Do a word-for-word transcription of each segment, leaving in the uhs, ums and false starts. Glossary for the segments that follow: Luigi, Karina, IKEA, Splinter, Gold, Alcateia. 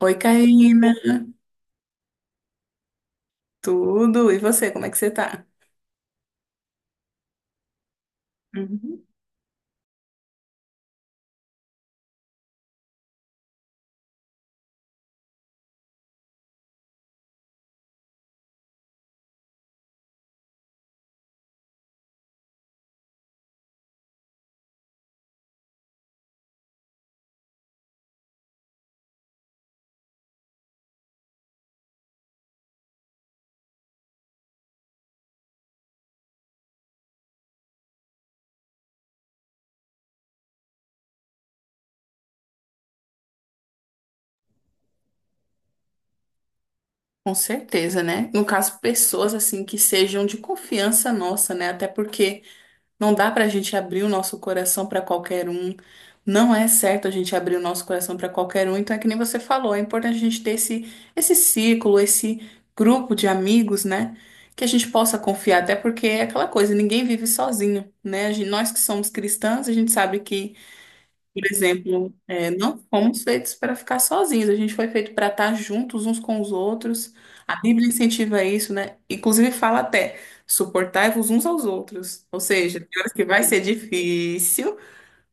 Oi, Karina. Tudo? E você, como é que você tá? Uhum. Com certeza, né? No caso, pessoas assim que sejam de confiança nossa, né? Até porque não dá pra gente abrir o nosso coração pra qualquer um. Não é certo a gente abrir o nosso coração pra qualquer um. Então é que nem você falou, é importante a gente ter esse, esse círculo, esse grupo de amigos, né? Que a gente possa confiar, até porque é aquela coisa, ninguém vive sozinho, né? A gente- nós que somos cristãos, a gente sabe que, por exemplo, é, não fomos feitos para ficar sozinhos, a gente foi feito para estar juntos uns com os outros. A Bíblia incentiva isso, né? Inclusive fala até, suportai-vos uns aos outros. Ou seja, tem horas que vai ser difícil,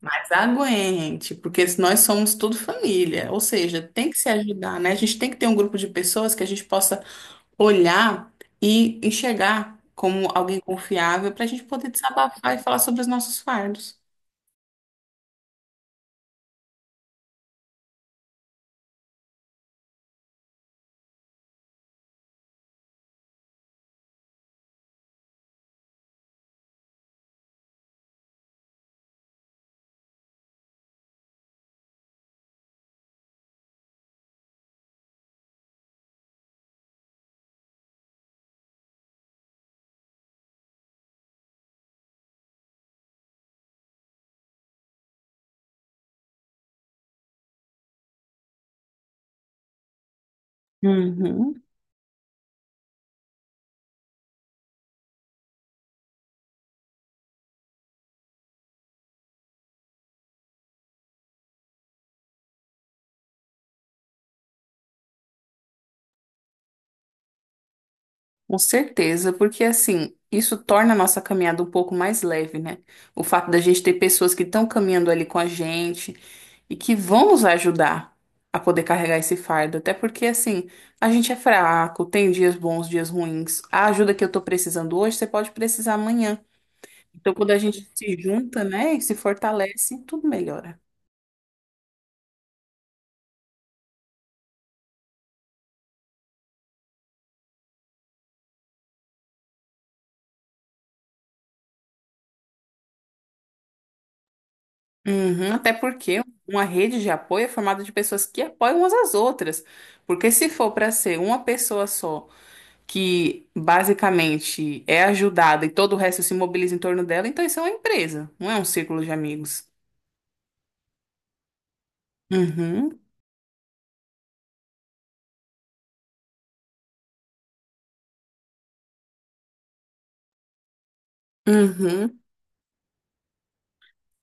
mas aguente, porque nós somos tudo família. Ou seja, tem que se ajudar, né? A gente tem que ter um grupo de pessoas que a gente possa olhar e enxergar como alguém confiável para a gente poder desabafar e falar sobre os nossos fardos. Uhum. Com certeza, porque assim, isso torna a nossa caminhada um pouco mais leve, né? O fato da gente ter pessoas que estão caminhando ali com a gente e que vão nos ajudar a poder carregar esse fardo. Até porque, assim, a gente é fraco, tem dias bons, dias ruins. A ajuda que eu tô precisando hoje, você pode precisar amanhã. Então, quando a gente se junta, né, e se fortalece, tudo melhora. Uhum, até porque uma rede de apoio é formada de pessoas que apoiam umas às outras. Porque se for para ser uma pessoa só que basicamente é ajudada e todo o resto se mobiliza em torno dela, então isso é uma empresa, não é um círculo de amigos. Uhum, uhum.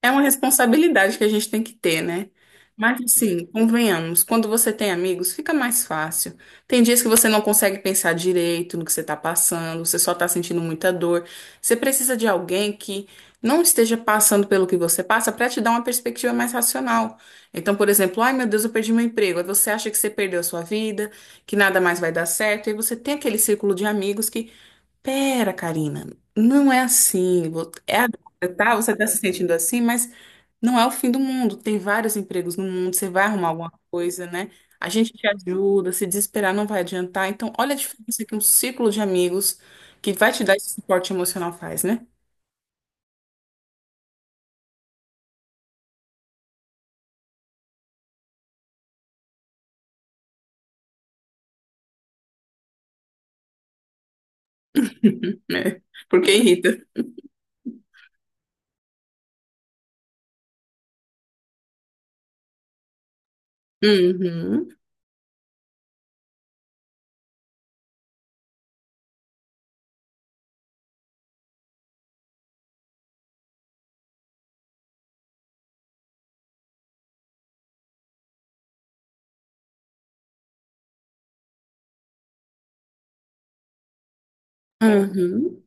É uma responsabilidade que a gente tem que ter, né? Mas assim, convenhamos, quando você tem amigos, fica mais fácil. Tem dias que você não consegue pensar direito no que você está passando, você só está sentindo muita dor. Você precisa de alguém que não esteja passando pelo que você passa para te dar uma perspectiva mais racional. Então, por exemplo, ai meu Deus, eu perdi meu emprego. Aí você acha que você perdeu a sua vida, que nada mais vai dar certo, e você tem aquele círculo de amigos que: pera, Karina, não é assim. Vo- É agora, tá? Você está se sentindo assim, mas não é o fim do mundo. Tem vários empregos no mundo, você vai arrumar alguma coisa, né? A gente te ajuda, se desesperar não vai adiantar. Então, olha a diferença que um círculo de amigos que vai te dar esse suporte emocional faz, né? É, porque irrita. Uhum, uhum.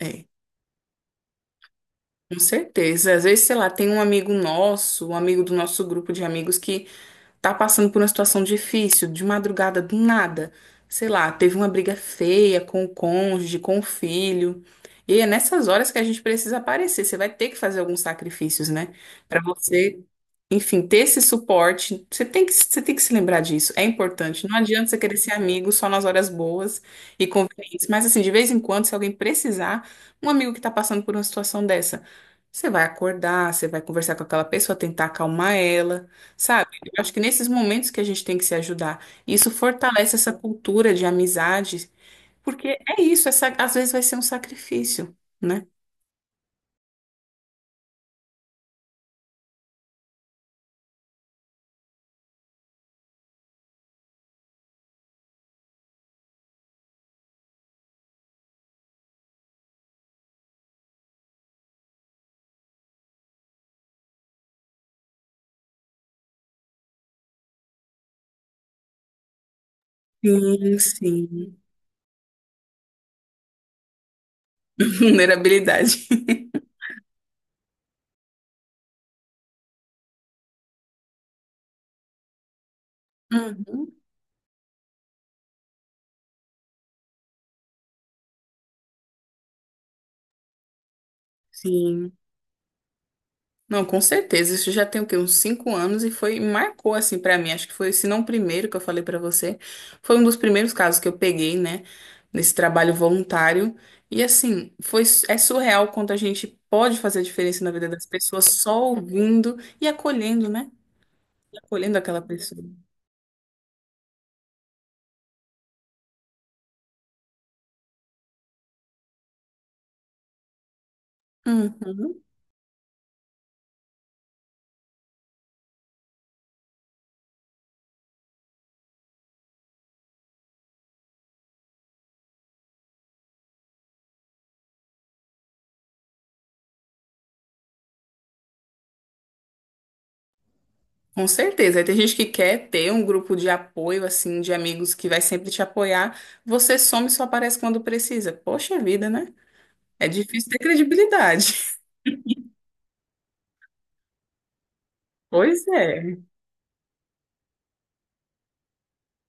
É, com certeza. Às vezes, sei lá, tem um amigo nosso, um amigo do nosso grupo de amigos que tá passando por uma situação difícil, de madrugada, do nada, sei lá, teve uma briga feia com o cônjuge, com o filho. E é nessas horas que a gente precisa aparecer. Você vai ter que fazer alguns sacrifícios, né? Pra você enfim, ter esse suporte, você tem que, você tem que se lembrar disso, é importante. Não adianta você querer ser amigo só nas horas boas e convenientes, mas assim, de vez em quando, se alguém precisar, um amigo que está passando por uma situação dessa, você vai acordar, você vai conversar com aquela pessoa, tentar acalmar ela, sabe? Eu acho que nesses momentos que a gente tem que se ajudar, isso fortalece essa cultura de amizade, porque é isso, essa, às vezes vai ser um sacrifício, né? Sim, sim. Vulnerabilidade. Uhum. Sim. Não, com certeza. Isso já tem o quê? Uns cinco anos e foi, marcou assim pra mim. Acho que foi, se não o primeiro que eu falei pra você, foi um dos primeiros casos que eu peguei, né, nesse trabalho voluntário. E assim, foi, é surreal quanto a gente pode fazer a diferença na vida das pessoas só ouvindo e acolhendo, né? E acolhendo aquela pessoa. Uhum. Com certeza. Aí tem gente que quer ter um grupo de apoio, assim, de amigos que vai sempre te apoiar. Você some e só aparece quando precisa. Poxa vida, né? É difícil ter credibilidade. Pois é.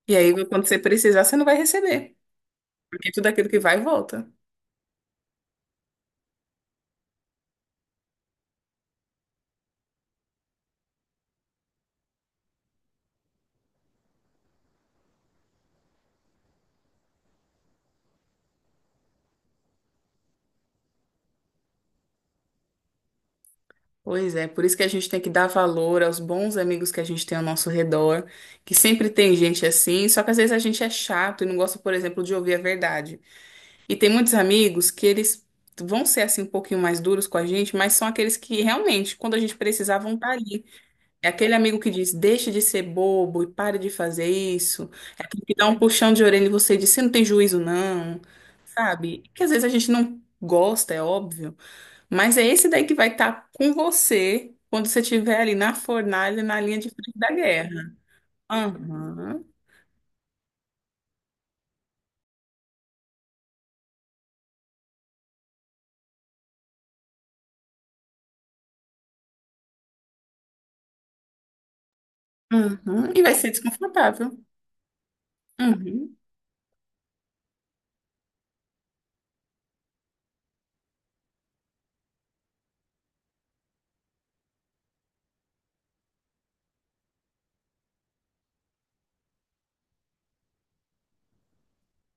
E aí, quando você precisar, você não vai receber, porque tudo aquilo que vai, volta. Pois é, por isso que a gente tem que dar valor aos bons amigos que a gente tem ao nosso redor, que sempre tem gente assim, só que às vezes a gente é chato e não gosta, por exemplo, de ouvir a verdade. E tem muitos amigos que eles vão ser assim um pouquinho mais duros com a gente, mas são aqueles que realmente, quando a gente precisar, vão estar ali. É aquele amigo que diz, deixe de ser bobo e pare de fazer isso. É aquele que dá um puxão de orelha e você diz, você não tem juízo, não. Sabe? Que às vezes a gente não gosta, é óbvio. Mas é esse daí que vai estar com você quando você estiver ali na fornalha, na linha de frente da guerra. Aham. Uhum. E vai ser desconfortável. Uhum.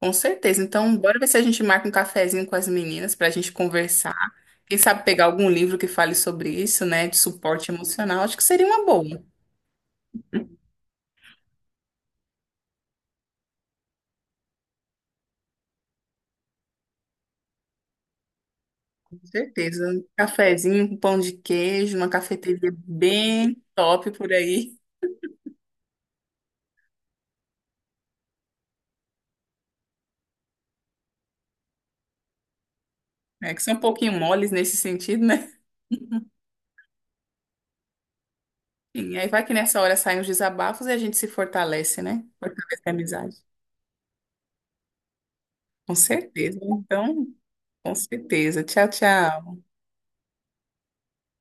Com certeza. Então, bora ver se a gente marca um cafezinho com as meninas para a gente conversar. Quem sabe pegar algum livro que fale sobre isso, né? De suporte emocional. Acho que seria uma boa. Com certeza. Um cafezinho com pão de queijo, uma cafeteria bem top por aí, né? Que são um pouquinho moles nesse sentido, né? E aí vai que nessa hora saem os desabafos e a gente se fortalece, né? Fortalece a amizade. Com certeza. Então, com certeza. Tchau, tchau.